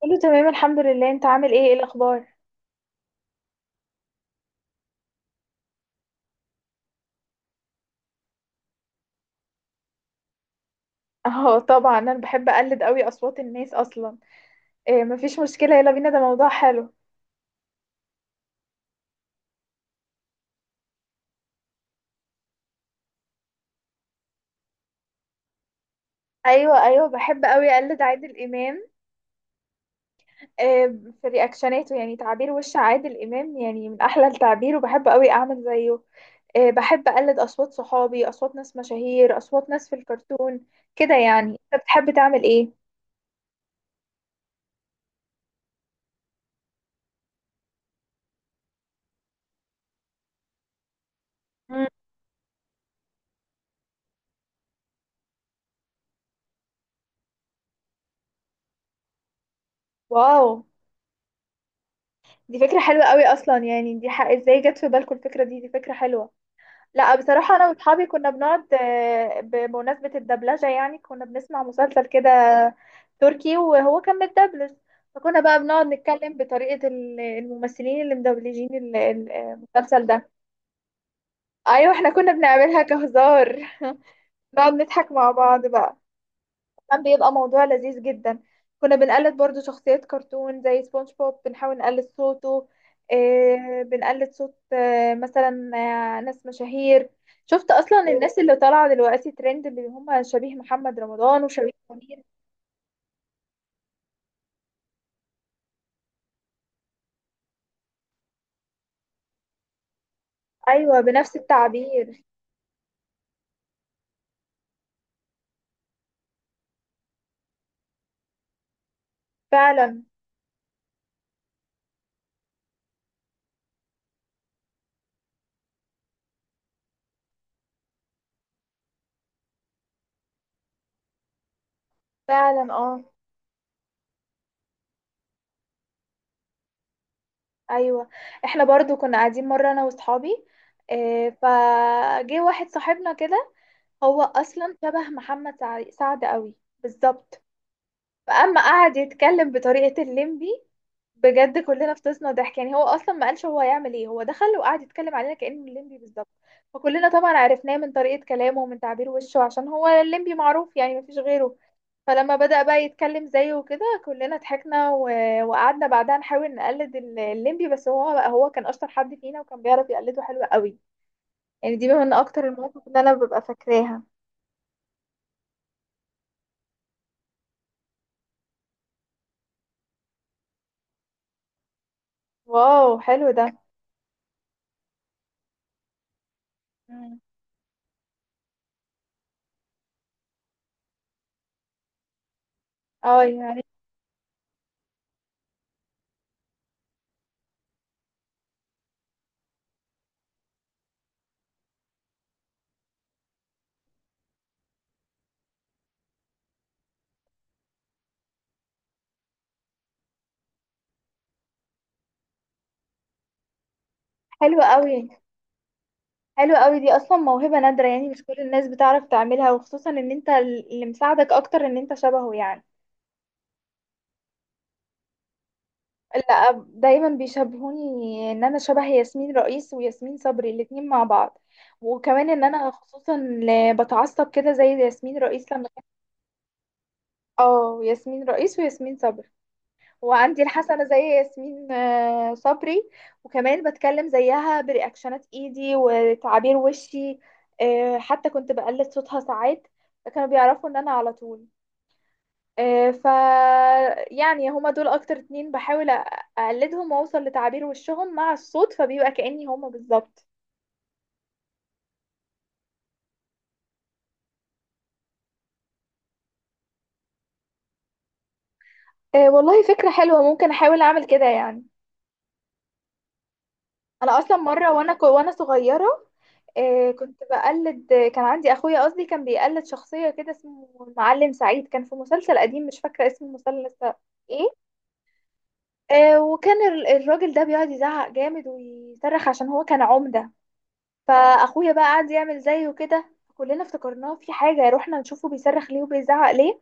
كله تمام الحمد لله، انت عامل ايه؟ ايه الاخبار؟ اه، طبعا انا بحب اقلد قوي اصوات الناس اصلا. إيه، مفيش مشكله، يلا بينا، ده موضوع حلو. ايوه بحب قوي اقلد عادل امام. إيه، في رياكشناته، يعني تعبير وش عادل امام يعني من احلى التعبير، وبحب قوي اعمل زيه. إيه، بحب اقلد اصوات صحابي، اصوات ناس مشاهير، اصوات ناس في الكرتون كده. يعني انت بتحب تعمل ايه؟ مم. واو، دي فكره حلوه قوي اصلا. يعني دي حق ازاي جت في بالكم الفكره دي؟ دي فكره حلوه. لا، بصراحة أنا وأصحابي كنا بنقعد، بمناسبة الدبلجة يعني، كنا بنسمع مسلسل كده تركي وهو كان متدبلج. فكنا بقى بنقعد نتكلم بطريقة الممثلين اللي مدبلجين المسلسل ده. أيوة احنا كنا بنعملها كهزار. نقعد نضحك مع بعض بقى. كان بيبقى موضوع لذيذ جدا. كنا بنقلد برضو شخصيات كرتون زي سبونج بوب، بنحاول نقلد صوته. إيه، بنقلد صوت، مثلا، ناس مشاهير. شفت اصلا الناس اللي طالعه دلوقتي ترند، اللي هم شبيه محمد رمضان وشبيه منير؟ ايوه، بنفس التعبير. فعلا. فعلا، اه. ايوه، احنا برضو كنا قاعدين مره انا واصحابي. إيه، فجه واحد صاحبنا كده، هو اصلا شبه محمد سعد قوي، بالظبط. فاما قعد يتكلم بطريقه الليمبي، بجد كلنا فطسنا ضحك. يعني هو اصلا ما قالش هو هيعمل ايه، هو دخل وقعد يتكلم علينا كانه الليمبي بالظبط. فكلنا طبعا عرفناه من طريقه كلامه ومن تعبير وشه، عشان هو الليمبي معروف، يعني مفيش غيره. فلما بدأ بقى يتكلم زيه وكده كلنا ضحكنا وقعدنا بعدها نحاول نقلد الليمبي، بس هو بقى، هو كان اشطر حد فينا وكان بيعرف يقلده حلو قوي. يعني دي من اكتر المواقف اللي انا ببقى فاكراها. واو، حلو ده. مم. اه، يعني حلو قوي. حلو قوي، دي اصلا موهبة نادرة، يعني مش كل الناس بتعرف تعملها، وخصوصا ان انت اللي مساعدك اكتر ان انت شبهه يعني. لا، دايما بيشبهوني ان انا شبه ياسمين رئيس وياسمين صبري الاتنين مع بعض. وكمان ان انا خصوصا بتعصب كده زي ياسمين رئيس لما كان. اه، ياسمين رئيس وياسمين صبري. وعندي الحسنة زي ياسمين صبري. وكمان بتكلم زيها برياكشنات ايدي وتعابير وشي. حتى كنت بقلد صوتها ساعات، كانوا بيعرفوا ان انا على طول. آه، ف يعني هما دول اكتر اتنين بحاول اقلدهم واوصل لتعابير وشهم مع الصوت، فبيبقى كأني هما بالظبط. والله فكرة حلوة، ممكن احاول اعمل كده يعني. انا اصلا مرة وانا وانا صغيرة، كنت بقلد. كان عندي اخويا، قصدي كان بيقلد شخصية كده اسمه المعلم سعيد، كان في مسلسل قديم مش فاكرة اسم المسلسل لسه. ايه، وكان الراجل ده بيقعد يزعق جامد ويصرخ، عشان هو كان عمدة. فاخويا بقى قعد يعمل زيه كده، كلنا افتكرناه في حاجه، رحنا نشوفه بيصرخ ليه وبيزعق ليه.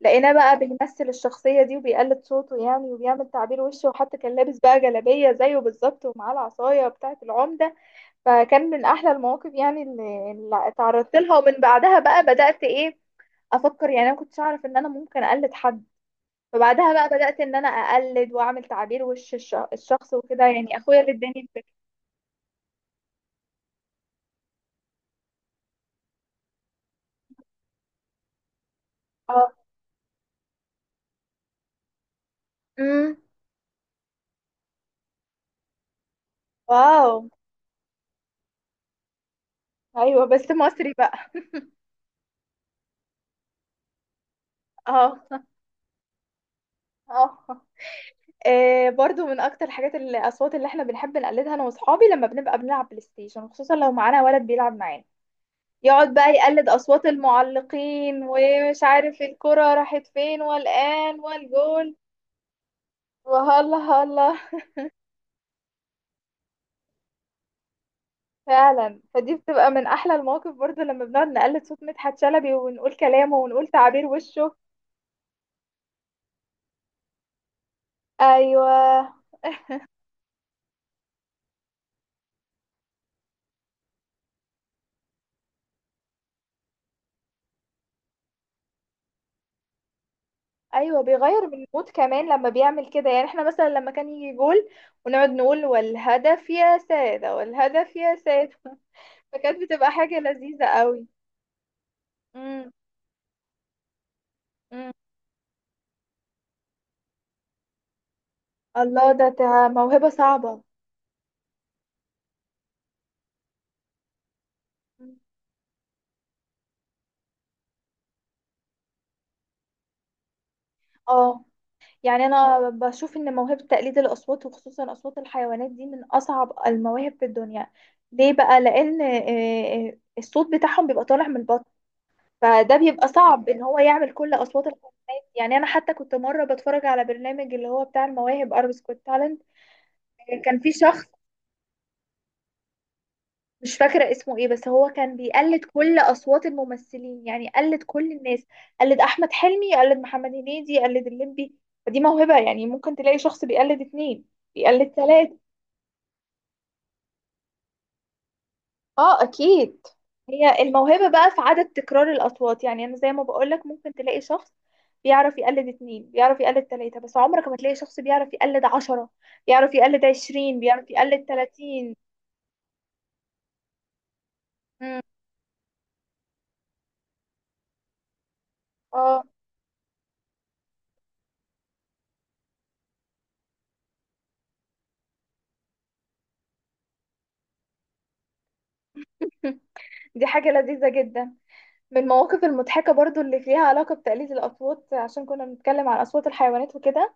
لقيناه بقى بيمثل الشخصيه دي وبيقلد صوته يعني وبيعمل تعبير وشه، وحتى كان لابس بقى جلابيه زيه بالظبط ومعاه العصايه بتاعه العمده. فكان من احلى المواقف يعني اللي اتعرضت لها. ومن بعدها بقى بدات ايه افكر، يعني انا كنتش اعرف ان انا ممكن اقلد حد. فبعدها بقى بدات ان انا اقلد واعمل تعبير وش الشخص وكده، يعني اخويا اللي اداني الفكره. اه. امم. واو. ايوه، بس مصري بقى. اه. اه. برضو من اكتر الحاجات الاصوات اللي احنا بنحب نقلدها انا واصحابي، لما بنبقى بنلعب بلاي ستيشن، خصوصا لو معانا ولد بيلعب معانا، يقعد بقى يقلد اصوات المعلقين ومش عارف الكرة راحت فين والان والجول. وهلا هلا. فعلا، فدي بتبقى من احلى المواقف برضو لما بنقعد نقلد صوت مدحت شلبي ونقول كلامه ونقول تعابير وشه. ايوه ايوه، بيغير من المود كمان لما بيعمل كده. يعني احنا مثلا لما كان يجي جول ونقعد نقول والهدف يا سادة، والهدف يا سادة. فكانت بتبقى حاجة لذيذة قوي. امم امم، الله، ده موهبة صعبة. مم. اه، يعني انا بشوف ان موهبة تقليد الاصوات، وخصوصا اصوات الحيوانات، دي من اصعب المواهب في الدنيا. ليه بقى؟ لان، الصوت بتاعهم بيبقى طالع من البطن، فده بيبقى صعب ان هو يعمل كل اصوات الحيوانات. يعني انا حتى كنت مره بتفرج على برنامج اللي هو بتاع المواهب، اربس كوت تالنت. كان في شخص مش فاكره اسمه ايه، بس هو كان بيقلد كل اصوات الممثلين، يعني قلد كل الناس، قلد احمد حلمي، قلد محمد هنيدي، قلد الليمبي. فدي موهبه، يعني ممكن تلاقي شخص بيقلد اتنين، بيقلد تلاته. اه، اكيد. هي الموهبة بقى في عدد تكرار الاصوات. يعني انا زي ما بقولك، ممكن تلاقي شخص بيعرف يقلد اتنين، بيعرف يقلد تلاتة، بس عمرك ما تلاقي شخص بيعرف يقلد عشرة، بيعرف يقلد عشرين، بيعرف يقلد تلاتين. مم. اه. دي حاجة لذيذة جدا. من المواقف المضحكة برضو اللي ليها علاقة بتقليد الأصوات، عشان كنا بنتكلم عن أصوات الحيوانات وكده،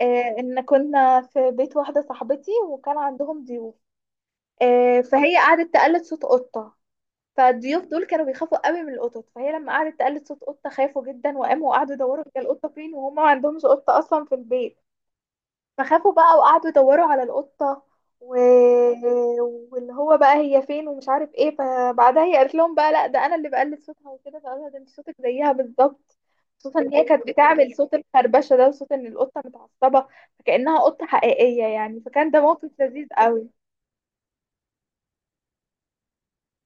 آه، إن كنا في بيت واحدة صاحبتي وكان عندهم ضيوف. آه، فهي قعدت تقلد صوت قطة. فالضيوف دول كانوا بيخافوا قوي من القطط، فهي لما قعدت تقلد صوت قطة خافوا جدا وقاموا وقعدوا يدوروا هي القطة فين، وهم ما عندهمش قطة أصلا في البيت. فخافوا بقى وقعدوا يدوروا على القطة و... واللي هو بقى هي فين ومش عارف ايه. فبعدها هي قالت لهم بقى لا ده انا اللي بقلد صوتها وكده، فقالوا لها ده انت صوتك زيها بالظبط، خصوصا ان هي كانت بتعمل صوت الخربشة ده وصوت ان القطة متعصبة، فكأنها قطة حقيقية يعني. فكان ده موقف لذيذ قوي.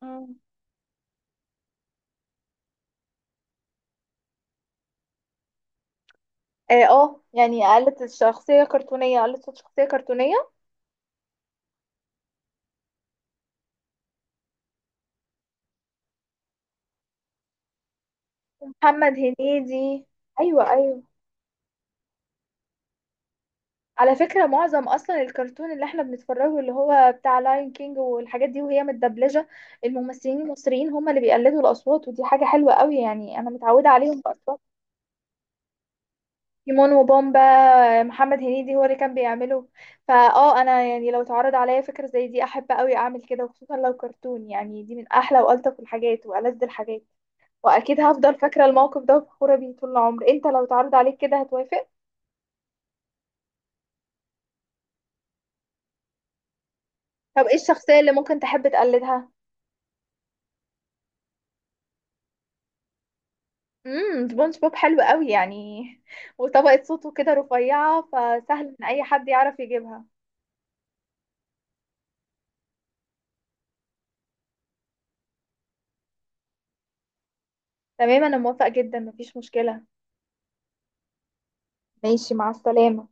مم. اه. يعني قالت الشخصية كرتونية، قالت صوت شخصية كرتونية. محمد هنيدي. ايوه، على فكره معظم اصلا الكرتون اللي احنا بنتفرجه اللي هو بتاع لاين كينج والحاجات دي، وهي متدبلجه، الممثلين المصريين هم اللي بيقلدوا الاصوات. ودي حاجه حلوه قوي، يعني انا متعوده عليهم باصوات تيمون وبومبا. محمد هنيدي هو اللي كان بيعمله. فاه انا يعني لو اتعرض عليا فكره زي دي احب قوي اعمل كده، وخصوصا لو كرتون، يعني دي من احلى والطف الحاجات والذ الحاجات. واكيد هفضل فاكره الموقف ده وفخوره بيه طول العمر. انت لو اتعرض عليك كده هتوافق؟ طب ايه الشخصية اللي ممكن تحب تقلدها؟ امم، سبونج بوب حلو قوي يعني، وطبقة صوته كده رفيعة، فسهل ان اي حد يعرف يجيبها. تمام، انا موافقة جدا، مفيش مشكلة. ماشي، مع السلامة.